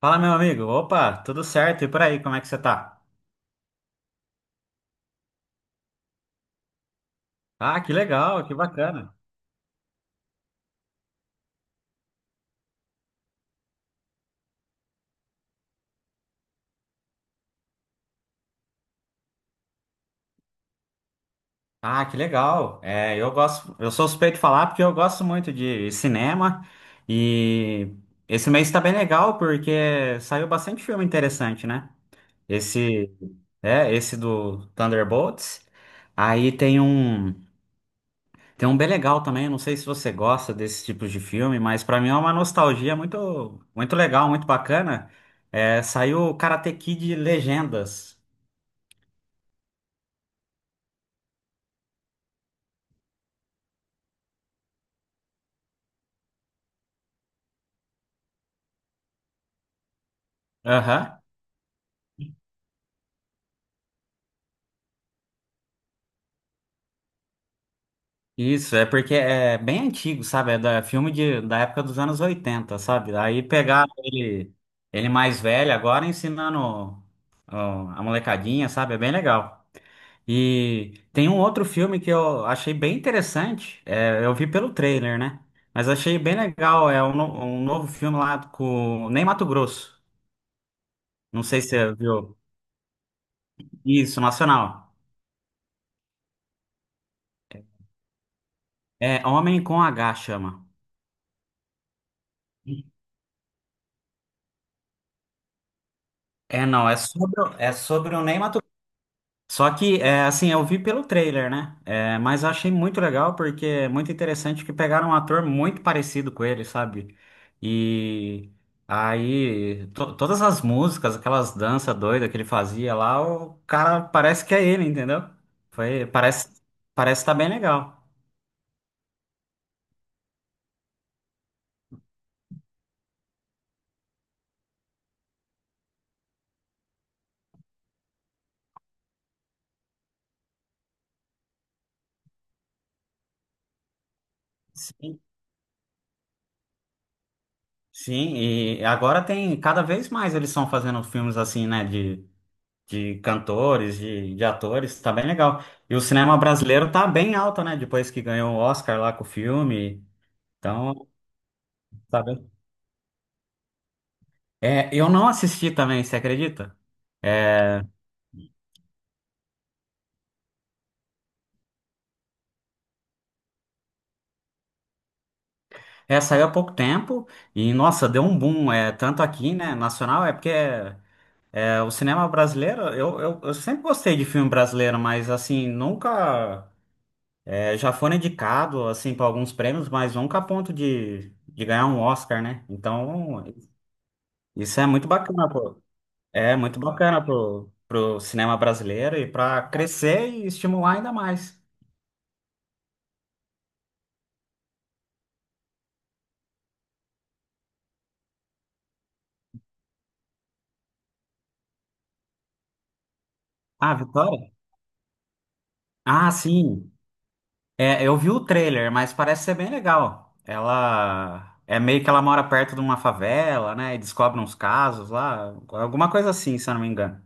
Fala, meu amigo. Opa, tudo certo? E por aí, como é que você tá? Ah, que legal, que bacana. Ah, que legal. É, eu sou suspeito de falar porque eu gosto muito de cinema e esse mês tá bem legal porque saiu bastante filme interessante, né? Esse é esse do Thunderbolts. Aí tem um bem legal também, eu não sei se você gosta desse tipo de filme, mas pra mim é uma nostalgia muito, muito legal, muito bacana. É, saiu o Karate Kid Legendas. Aham. Isso, é porque é bem antigo, sabe? Da época dos anos 80, sabe? Aí pegaram ele, ele mais velho agora ensinando, ó, a molecadinha, sabe? É bem legal. E tem um outro filme que eu achei bem interessante, eu vi pelo trailer, né? Mas achei bem legal, é um, um novo filme lá com o Ney Matogrosso. Não sei se você viu. Isso, nacional. É Homem com H, chama. É, não, é sobre o Ney. Só que, assim, eu vi pelo trailer, né? Mas eu achei muito legal porque é muito interessante que pegaram um ator muito parecido com ele, sabe? E aí, todas as músicas, aquelas danças doidas que ele fazia lá, o cara parece que é ele, entendeu? Parece, parece estar bem legal. Sim, sim, e agora tem, cada vez mais eles estão fazendo filmes assim, né? De cantores, de atores, tá bem legal. E o cinema brasileiro tá bem alto, né? Depois que ganhou o Oscar lá com o filme. Então, tá bem. É, eu não assisti também, você acredita? É, saiu há pouco tempo e, nossa, deu um boom. É, tanto aqui, né, nacional, o cinema brasileiro, eu sempre gostei de filme brasileiro, mas, assim, nunca... é, já foram indicado, assim, para alguns prêmios, mas nunca a ponto de ganhar um Oscar, né? Então, isso é muito bacana, pô. É muito bacana pro cinema brasileiro e para crescer e estimular ainda mais. Ah, Vitória? Ah, sim. É, eu vi o trailer, mas parece ser bem legal. Ela é meio que ela mora perto de uma favela, né? E descobre uns casos lá, alguma coisa assim, se eu não me engano.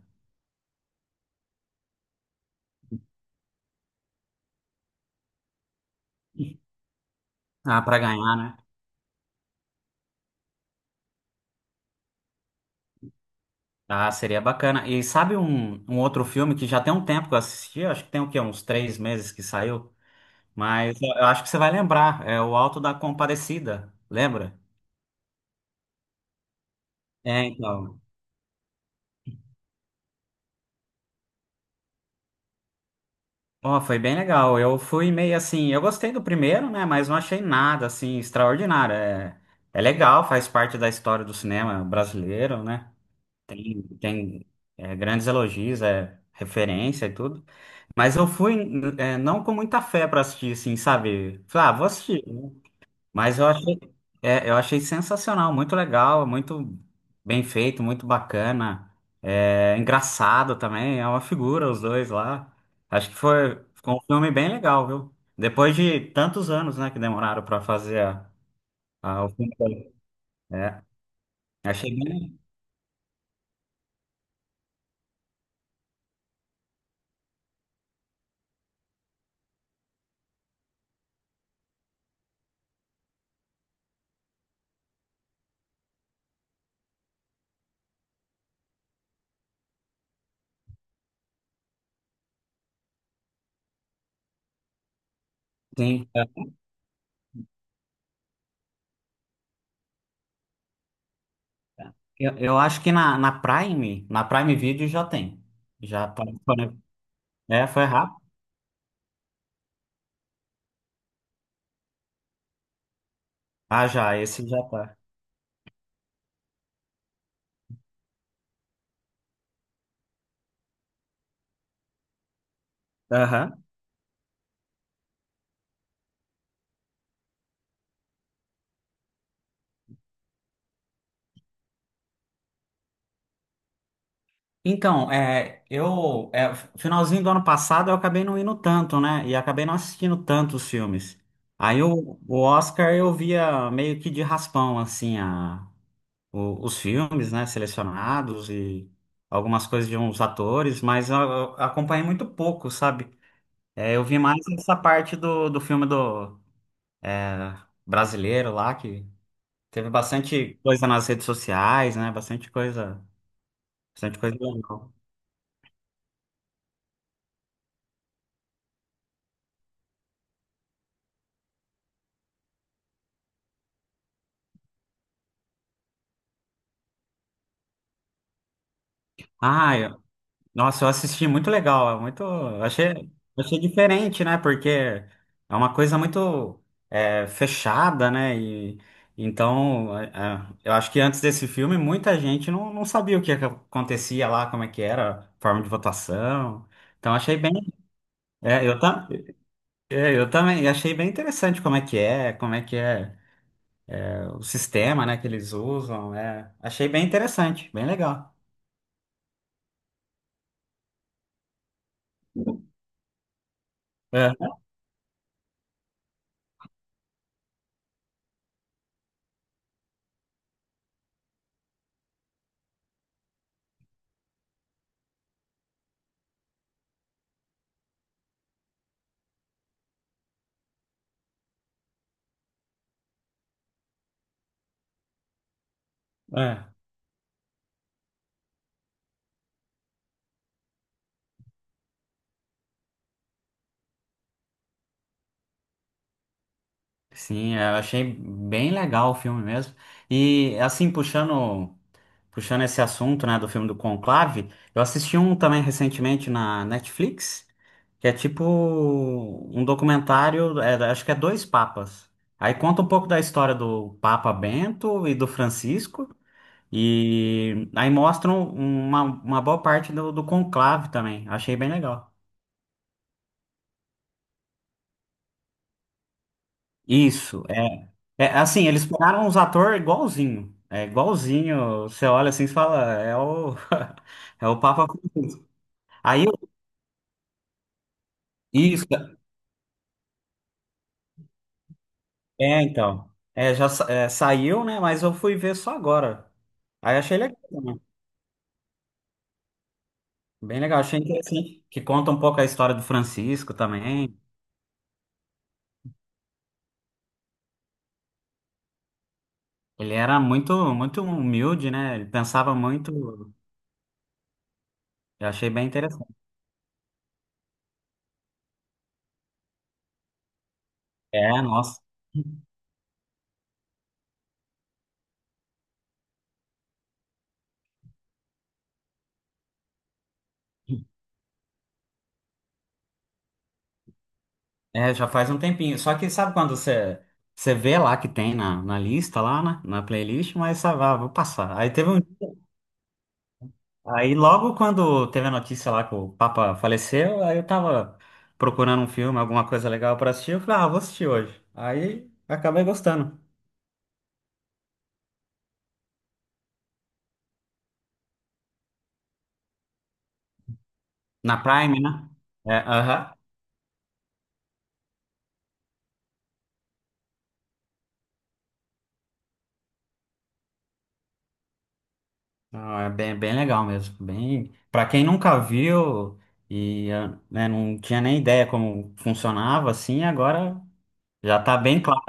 Ah, pra ganhar, né? Ah, seria bacana. E sabe um outro filme que já tem um tempo que eu assisti? Acho que tem o quê? Uns 3 meses que saiu. Mas eu acho que você vai lembrar. É o Alto da Compadecida. Lembra? É, então. Ó, foi bem legal. Eu fui meio assim, eu gostei do primeiro, né? Mas não achei nada assim extraordinário. É, é legal, faz parte da história do cinema brasileiro, né? Tem grandes elogios, é referência e tudo. Mas eu fui, não com muita fé pra assistir, assim, sabe? Falei, ah, vou assistir, né? Mas eu achei sensacional, muito legal, muito bem feito, muito bacana, engraçado também, é uma figura os dois lá. Acho que foi, ficou um filme bem legal, viu? Depois de tantos anos, né, que demoraram para fazer o filme todo. É, achei bem. Sim, eu, acho que na Prime Video já tem. Já tá disponível. É, foi rápido. Ah, já, esse já tá. Aham. Então, finalzinho do ano passado eu acabei não indo tanto, né? E acabei não assistindo tanto os filmes. Aí o Oscar eu via meio que de raspão, assim, os filmes, né, selecionados, e algumas coisas de uns atores, mas eu acompanhei muito pouco, sabe? É, eu vi mais essa parte do filme do, é, brasileiro lá, que teve bastante coisa nas redes sociais, né? Bastante coisa legal. Ah, nossa, eu assisti, muito legal, é muito, achei diferente, né? Porque é uma coisa muito, fechada, né? E então, eu acho que antes desse filme muita gente não sabia o que acontecia lá, como é que era, a forma de votação. Então achei bem, é, eu, tam- eu também achei bem interessante como é que é, o sistema, né, que eles usam. Achei bem interessante, bem legal. É, é. Sim, eu achei bem legal o filme mesmo. E assim, puxando, puxando esse assunto, né, do filme do Conclave, eu assisti um também recentemente na Netflix, que é tipo um documentário, acho que é dois papas. Aí conta um pouco da história do Papa Bento e do Francisco, e aí mostram uma boa parte do conclave também. Achei bem legal. Isso, é, assim, eles pegaram os atores igualzinho. É igualzinho. Você olha assim e fala, é o, é o Papa Francisco. Aí, eu- isso, então. Já saiu, né? Mas eu fui ver só agora. Aí achei legal também. Bem legal. Achei interessante. Que conta um pouco a história do Francisco também. Ele era muito, muito humilde, né? Ele pensava muito. Eu achei bem interessante. É, nossa. É, já faz um tempinho. Só que sabe quando você vê lá que tem na lista, lá na playlist, mas sabe, ah, vou passar. Aí teve um. Aí logo quando teve a notícia lá que o Papa faleceu, aí eu tava procurando um filme, alguma coisa legal pra assistir, eu falei, ah, vou assistir hoje. Aí acabei gostando. Na Prime, né? É, aham. Não, é bem, bem legal mesmo. Bem, para quem nunca viu e, ah, né, não tinha nem ideia como funcionava, assim, agora já tá bem claro.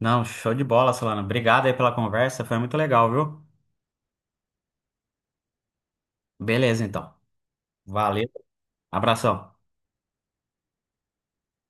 Não, show de bola, Solana. Obrigado aí pela conversa, foi muito legal, viu? Beleza, então. Valeu. Abração.